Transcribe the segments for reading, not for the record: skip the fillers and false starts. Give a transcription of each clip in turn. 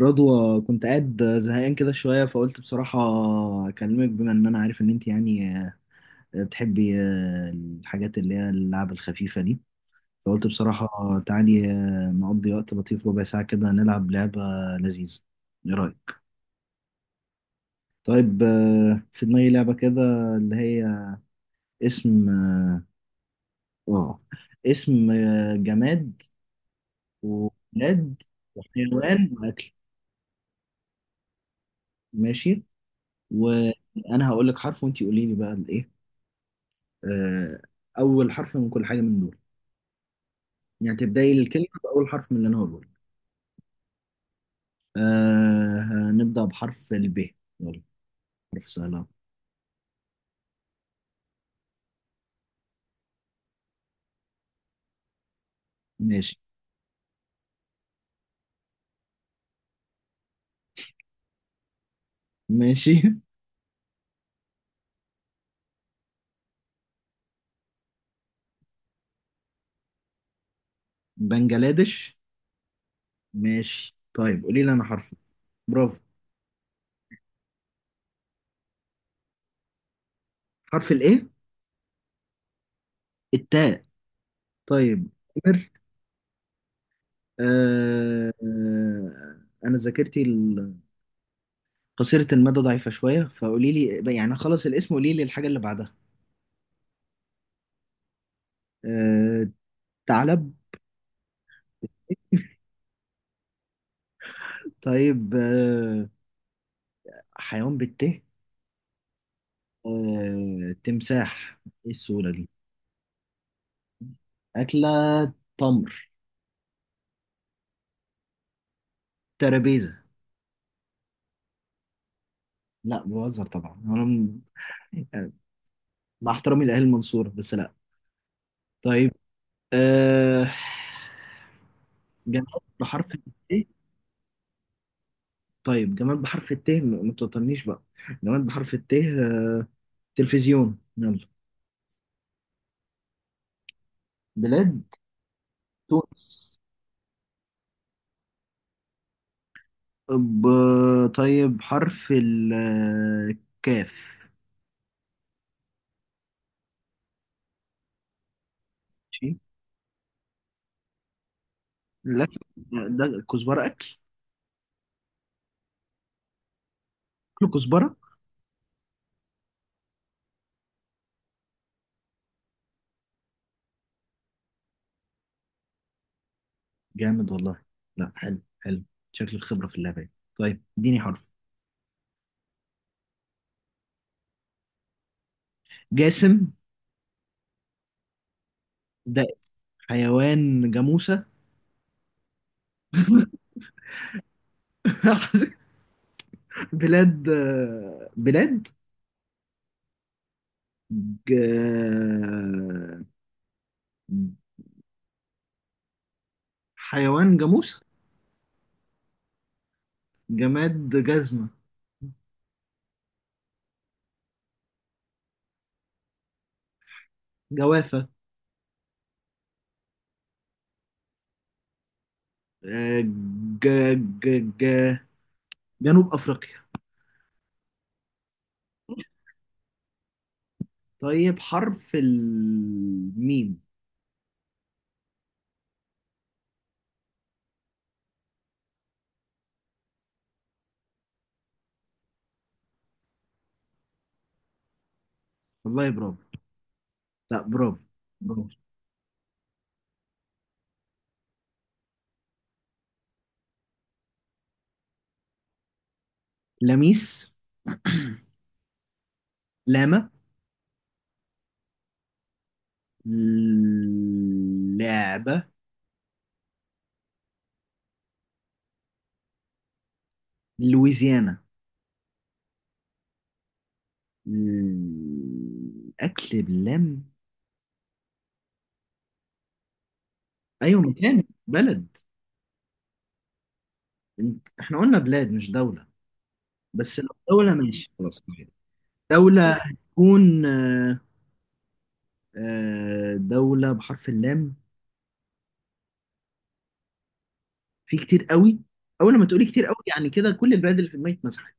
رضوى، كنت قاعد زهقان كده شوية فقلت بصراحة أكلمك، بما إن أنا عارف إن أنت يعني بتحبي الحاجات اللي هي اللعب الخفيفة دي. فقلت بصراحة تعالي نقضي وقت لطيف، ربع ساعة كده نلعب لعبة لذيذة. إيه رأيك؟ طيب، في دماغي لعبة كده اللي هي اسم، آه اسم، جماد، وبلاد، وحيوان، وأكل. ماشي، وأنا هقول لك حرف وأنت قولي لي بقى الإيه. آه، أول حرف من كل حاجة من دول، يعني تبدأي الكلمة بأول حرف من اللي أنا هقوله لك. أه هنبدأ بحرف الب، يلا حرف سهل أهو. ماشي. ماشي. بنجلاديش. ماشي، طيب قولي لي أنا حرف. برافو. حرف الإيه؟ التاء. طيب، قمر. أه آه، أنا ذاكرتي قصيرة المدى ضعيفة شوية، فقولي لي يعني خلص الاسم قولي لي الحاجة اللي بعدها. أه ثعلب. طيب، حيوان بالت، آه، تمساح. ايه السهولة دي. أكلة، تمر. ترابيزة. لا بهزر طبعا، يعني مع احترامي لأهل المنصورة، بس لا. طيب، أه... جماد بحرف الت. طيب جماد بحرف الت، ما تطنيش بقى. جماد بحرف الت، آه، تلفزيون، يلا. بلاد، تونس. ب... طيب حرف الكاف. ماشي. لا، ده كزبرة أكل. كل كزبرة. جامد والله. لا حلو، حلو. شكل الخبرة في اللعبة. طيب اديني حرف. جاسم. ده اسم. حيوان، جاموسة. بلاد. بلاد. ج... حيوان جاموسة. جماد، جزمة. جوافة. آه، ج... ج... ج... جنوب أفريقيا. طيب، حرف الميم. والله برافو. لا، برافو. برافو. لميس. لاما. لعبة. لويزيانا. الأكل بلم. أيوة، مكان، بلد. إحنا قلنا بلاد مش دولة، بس لو دولة ماشي خلاص، طيب. دولة هتكون آه، آه، دولة بحرف اللام، في كتير قوي. أول ما تقولي كتير قوي يعني كده كل البلاد اللي في دماغي اتمسحت.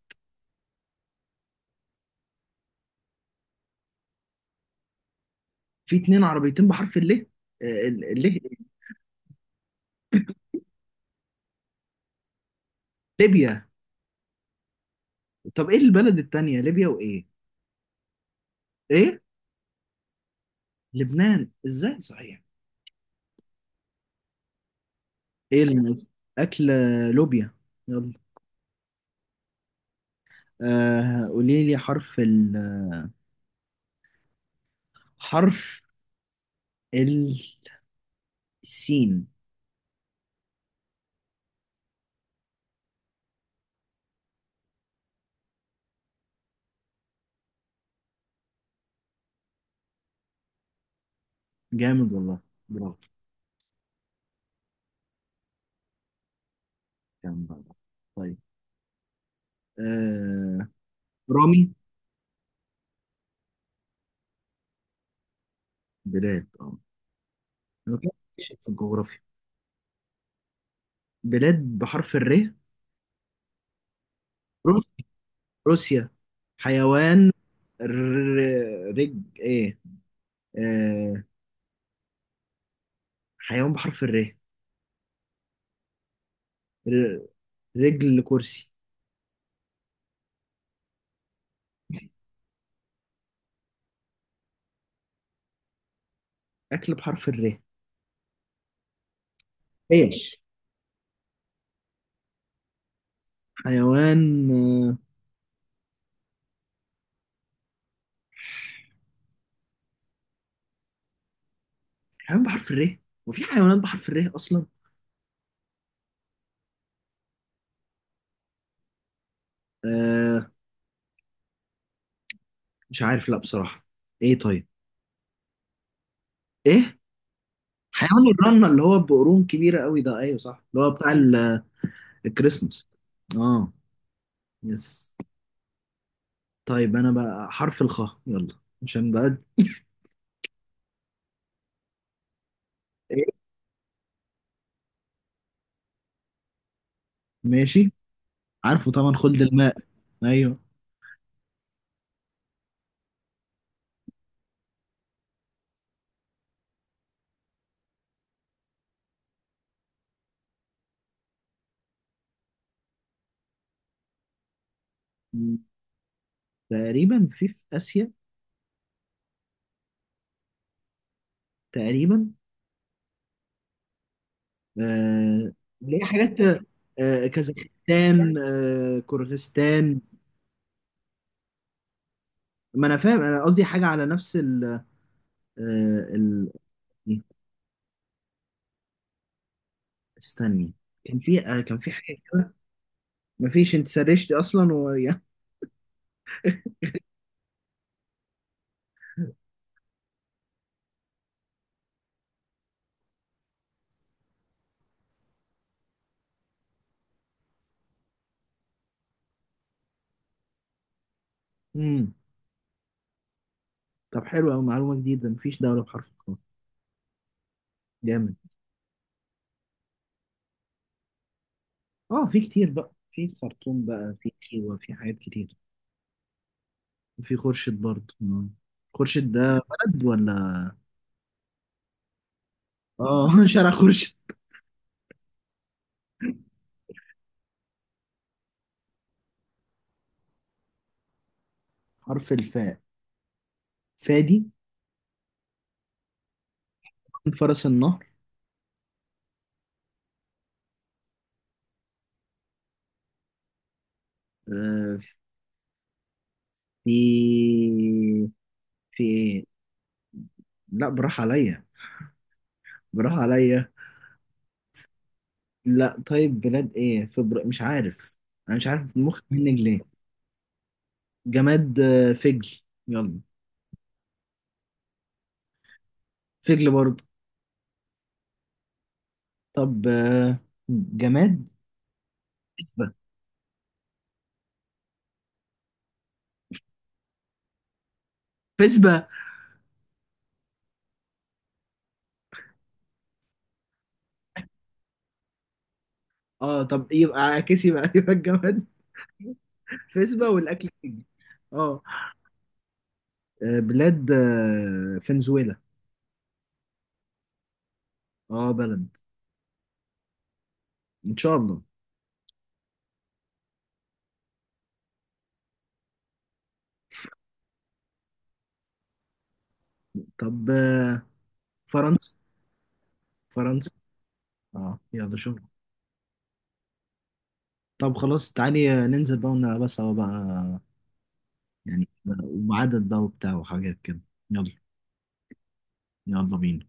في اتنين عربيتين بحرف الليه؟ آه، الليه. ليبيا. طب إيه البلد التانية، ليبيا وإيه؟ إيه؟ لبنان إزاي؟ صحيح؟ ايه الموز. اكل. لوبيا. يلا. آه قولي لي حرف السين. جامد والله. برافو. جامد والله. طيب، آه، رامي. بلاد، اه. أنا كده ماشي في الجغرافيا. بلاد بحرف الر، روسيا. روسيا. حيوان، رج ايه، آه، حيوان بحرف الر. ر- رجل كرسي. اكل بحرف الر. ايش؟ حيوان، آه، حيوان بحرف الر، وفي حيوانات بحرف الر اصلا؟ آه، مش عارف لا بصراحه. ايه طيب؟ ايه؟ حيوان الرنه، اللي هو بقرون كبيره قوي ده، ايوه صح، اللي هو بتاع الكريسماس. اه. يس. طيب انا بقى حرف الخاء، يلا، عشان بقى. ايه؟ ماشي. عارفه طبعا، خلد الماء. ايوه. م، تقريبا في اسيا تقريبا. آه، اللي هي حاجات، آه كازاخستان، آه كورغستان. ما انا فاهم، انا قصدي حاجه على نفس ال، آه ال... إيه، استني، كان في آه كان في حاجة. مفيش، انت سرشتي اصلا و امم. طب حلو قوي، معلومة جديدة، مفيش دولة بحرف القاف. جامد. اه في كتير بقى في خرطوم، بقى في كيوة، في حاجات كتير. وفي خورشيد برضه، آه. خورشيد ده بلد ولا؟ اه شارع خورشيد. حرف الفاء. فادي. فرس النهر. آه، في في ايه؟ لا براح عليا، براح عليا. لا طيب، بلاد ايه فبر، مش عارف. انا مش عارف المخ منك ليه. جماد، آه، فجل. يلا. فجل برضه. طب آه، جماد، فسبة. فسبة. اه طب يبقى عكس، يبقى يبقى الجماد فسبة والاكل فجل. اه. آه، بلاد، آه، فنزويلا. اه بلد، ان شاء الله. طب آه، فرنسا. فرنسا. اه يلا شوف. طب خلاص تعالي آه، ننزل بقى ونلعبها سوا بقى، يعني. وعدد بقى وبتاع وحاجات كده. يلا. يلا بينا.